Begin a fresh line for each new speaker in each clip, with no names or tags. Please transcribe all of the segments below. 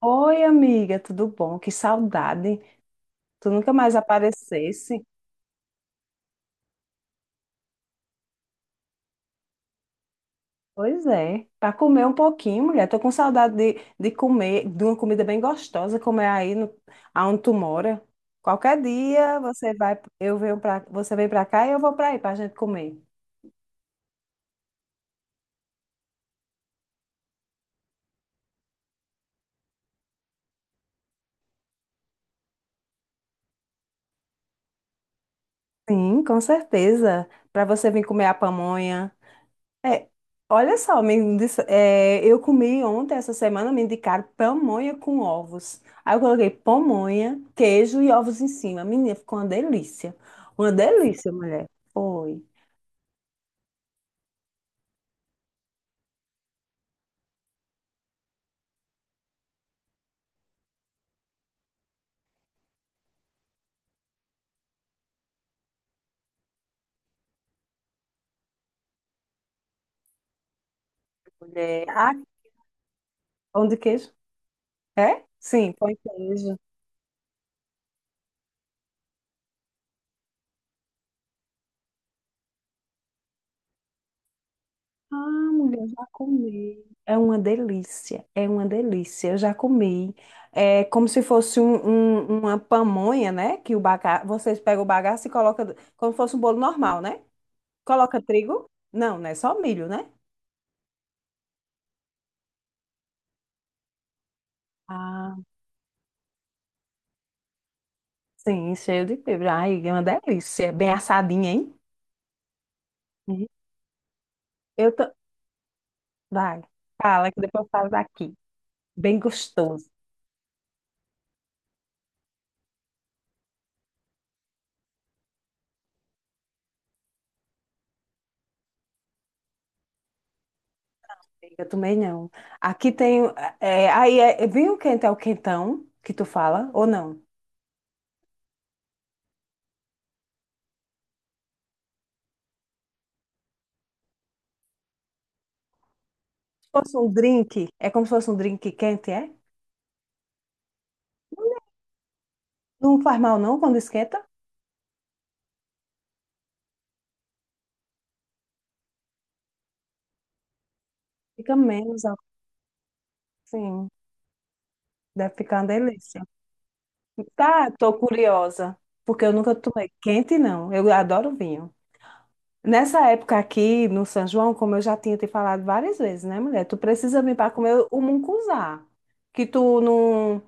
Oi, amiga, tudo bom? Que saudade. Tu nunca mais aparecesse. Pois é, para comer um pouquinho, mulher. Tô com saudade de comer, de uma comida bem gostosa, como é aí no, aonde tu mora. Qualquer dia você vai, eu você vem para cá e eu vou para aí para a gente comer. Sim, com certeza. Para você vir comer a pamonha. É, olha só, eu comi ontem, essa semana, me indicaram pamonha com ovos. Aí eu coloquei pamonha, queijo e ovos em cima. Menina, ficou uma delícia. Uma delícia, mulher. Foi. Mulher. Ah, pão de queijo? É? Sim, pão de queijo. Ah, mulher, eu já comi. É uma delícia, é uma delícia. Eu já comi. É como se fosse uma pamonha, né? Que o baga... vocês pegam o bagaço e colocam como se fosse um bolo normal, né? Coloca trigo? Não, né? Só milho, né? Ah, sim, cheio de fibra. Ai, é uma delícia. É bem assadinha, hein? Uhum. Eu tô... Vai, fala que depois eu falo daqui. Bem gostoso. Eu também não. Aqui tem... é, aí é vinho quente é o quentão que tu fala, ou não? Se fosse um drink, é como se fosse um drink quente, é? Não faz mal não quando esquenta? Fica menos, ó. Sim. Deve ficar uma delícia. Tá, tô curiosa, porque eu nunca tomei quente, não. Eu adoro vinho. Nessa época aqui no São João, como eu já tinha te falado várias vezes, né, mulher? Tu precisa vir para comer o mungunzá, que tu não,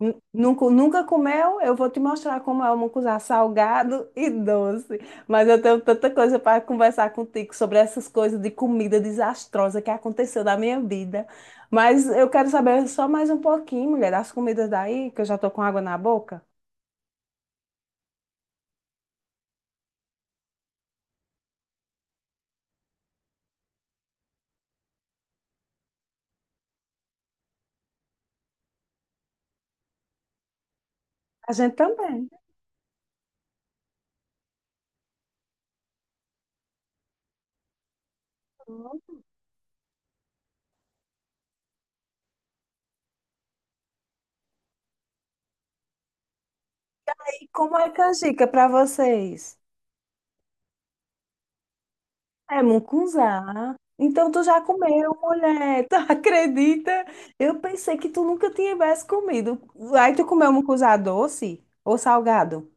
nu- nunca, nunca comeu. Eu vou te mostrar como é o mungunzá salgado e doce. Mas eu tenho tanta coisa para conversar contigo sobre essas coisas de comida desastrosa que aconteceu na minha vida. Mas eu quero saber só mais um pouquinho, mulher, das comidas daí, que eu já tô com água na boca. A gente também. E como é canjica para vocês? É mucunzá. Então tu já comeu, mulher. Tu acredita? Eu pensei que tu nunca tivesse comido. Aí tu comeu mucunzá doce ou salgado?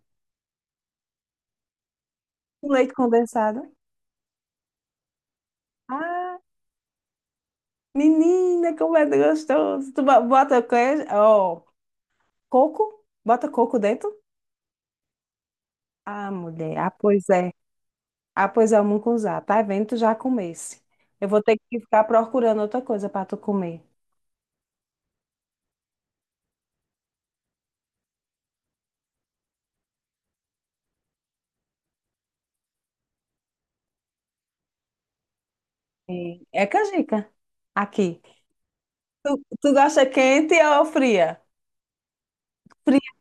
Com leite condensado? Ah, menina, como é gostoso. Tu bota queijo, ó, coco? Bota coco dentro? Ah, mulher. Ah, pois é. Ah, pois é, o mucunzá. Tá vendo? Tu já comesse. Eu vou ter que ficar procurando outra coisa para tu comer. É é canjica. Aqui. Tu, tu gosta quente ou fria? Fria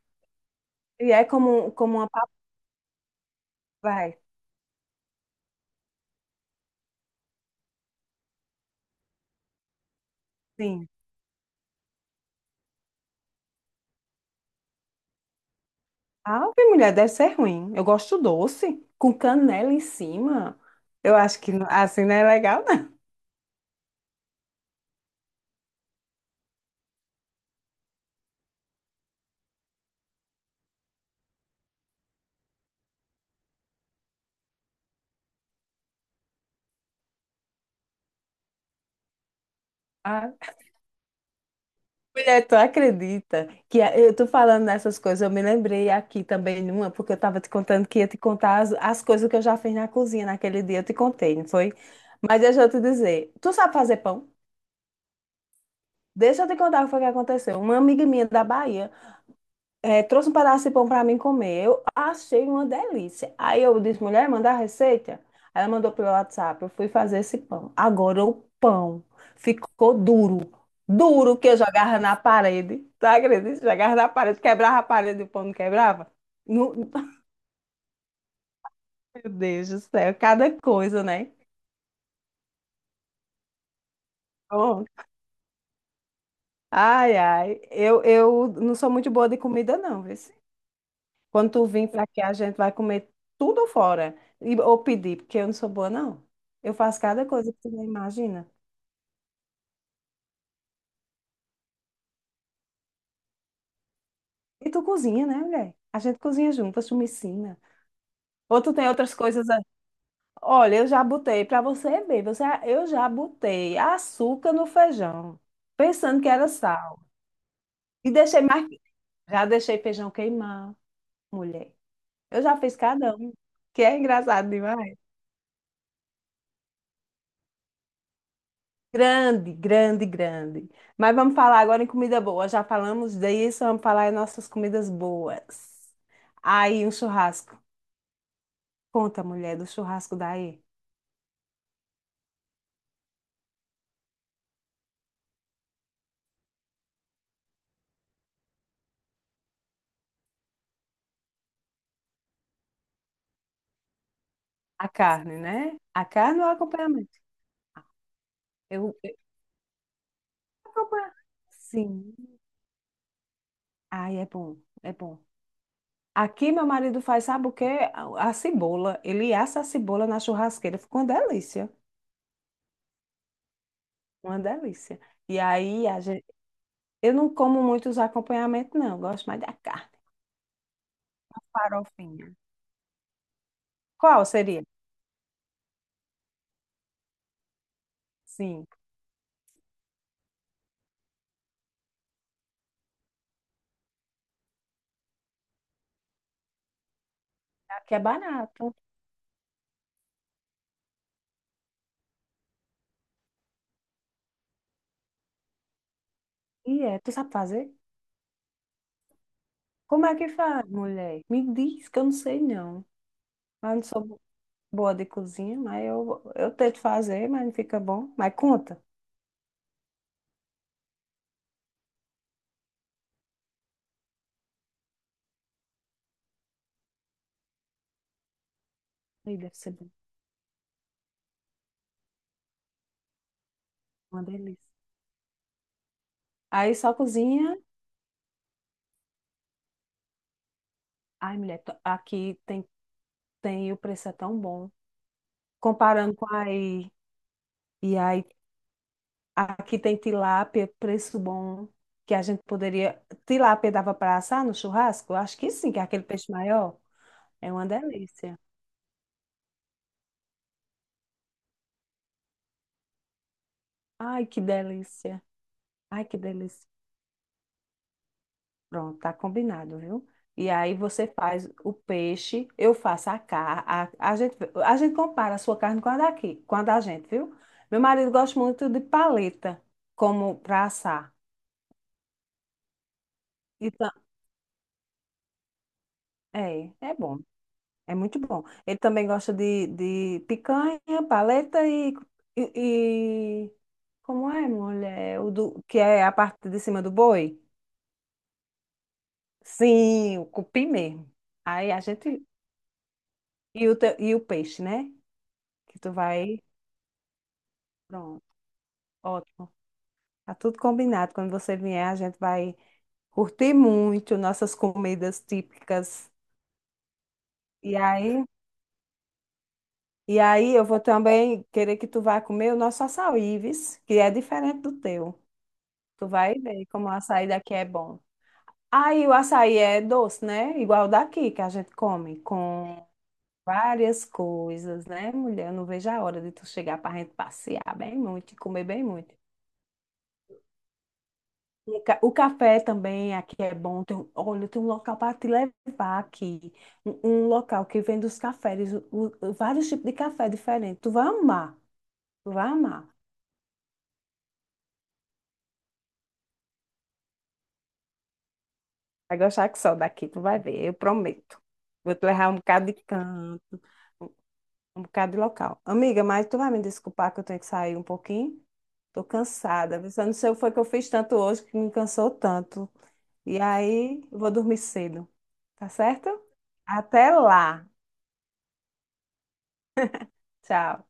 e é como, como uma papai. Sim. Ah, bem mulher, deve ser ruim. Eu gosto doce, com canela em cima. Eu acho que assim não é legal, não. Ah, mulher, tu acredita que eu tô falando nessas coisas? Eu me lembrei aqui também numa, porque eu tava te contando que ia te contar as coisas que eu já fiz na cozinha naquele dia. Eu te contei, não foi? Mas deixa eu te dizer, tu sabe fazer pão? Deixa eu te contar o que foi que aconteceu. Uma amiga minha da Bahia. É, trouxe um pedaço de pão para mim comer. Eu achei uma delícia. Aí eu disse, mulher, manda a receita. Aí ela mandou pelo WhatsApp. Eu fui fazer esse pão. Agora o pão ficou duro. Duro que eu jogava na parede. Tu acredita? Jogava na parede, quebrava a parede, e o pão não quebrava? No... Meu Deus do céu, cada coisa, né? Bom, ai, ai. Eu não sou muito boa de comida, não, viu? Quando tu vir para aqui, a gente vai comer tudo fora. E, ou pedir, porque eu não sou boa, não. Eu faço cada coisa que tu não imagina. E tu cozinha, né, mulher? A gente cozinha juntas, tu me ensina. Ou tu tem outras coisas. Olha, eu já botei, para você ver, eu já botei açúcar no feijão, pensando que era sal. E deixei mais. Já deixei feijão queimar, mulher. Eu já fiz cada um, que é engraçado demais. Grande, grande, grande. Mas vamos falar agora em comida boa. Já falamos disso, vamos falar em nossas comidas boas. Aí, um churrasco. Conta, mulher, do churrasco daí. A carne, né? A carne ou o acompanhamento? Eu acompanho. Sim. Ai, é bom, é bom. Aqui meu marido faz, sabe o quê? A cebola. Ele assa a cebola na churrasqueira. Fica uma delícia. Uma delícia. E aí, a gente... eu não como muito os acompanhamentos, não. Eu gosto mais da carne. Farofinha. Qual seria? Sim, aqui é barato. E é, tu sabe fazer? Como é que faz, mulher? Me diz que eu não sei não. Eu não sou boa de cozinha, mas eu tento fazer, mas não fica bom. Mas conta. Aí deve ser bom. Uma delícia. Aí só cozinha. Ai, mulher, tem o preço é tão bom. Comparando com aí. E aí, aqui tem tilápia, preço bom. Que a gente poderia. Tilápia dava para assar no churrasco? Acho que sim, que é aquele peixe maior. É uma delícia. Ai, que delícia. Ai, que delícia. Pronto, tá combinado, viu? E aí você faz o peixe, eu faço a carne. A, a gente, a gente compara a sua carne com a daqui, com a da gente, viu? Meu marido gosta muito de paleta, como para assar. Então, é, é bom, é muito bom. Ele também gosta de picanha, paleta e, e- Como é, mulher? O do, que é a parte de cima do boi? Sim, o cupim mesmo. Aí a gente E o peixe, né? Que tu vai. Pronto, ótimo. Tá tudo combinado. Quando você vier, a gente vai curtir muito nossas comidas típicas. E aí, e aí eu vou também querer que tu vá comer o nosso açaí, vis, que é diferente do teu. Tu vai ver como o açaí daqui é bom. Aí o açaí é doce, né? Igual daqui, que a gente come com várias coisas, né, mulher? Eu não vejo a hora de tu chegar pra gente passear bem muito e comer bem muito. O café também aqui é bom. Olha, tem um local para te levar aqui. Um local que vende os cafés, vários tipos de café diferentes. Tu vai amar, tu vai amar. Vai gostar que só daqui, tu vai ver, eu prometo. Vou te levar um bocado de canto, um, um bocado de local. Amiga, mas tu vai me desculpar que eu tenho que sair um pouquinho? Tô cansada. Eu não sei o que foi que eu fiz tanto hoje que me cansou tanto. E aí, eu vou dormir cedo, tá certo? Até lá. Tchau.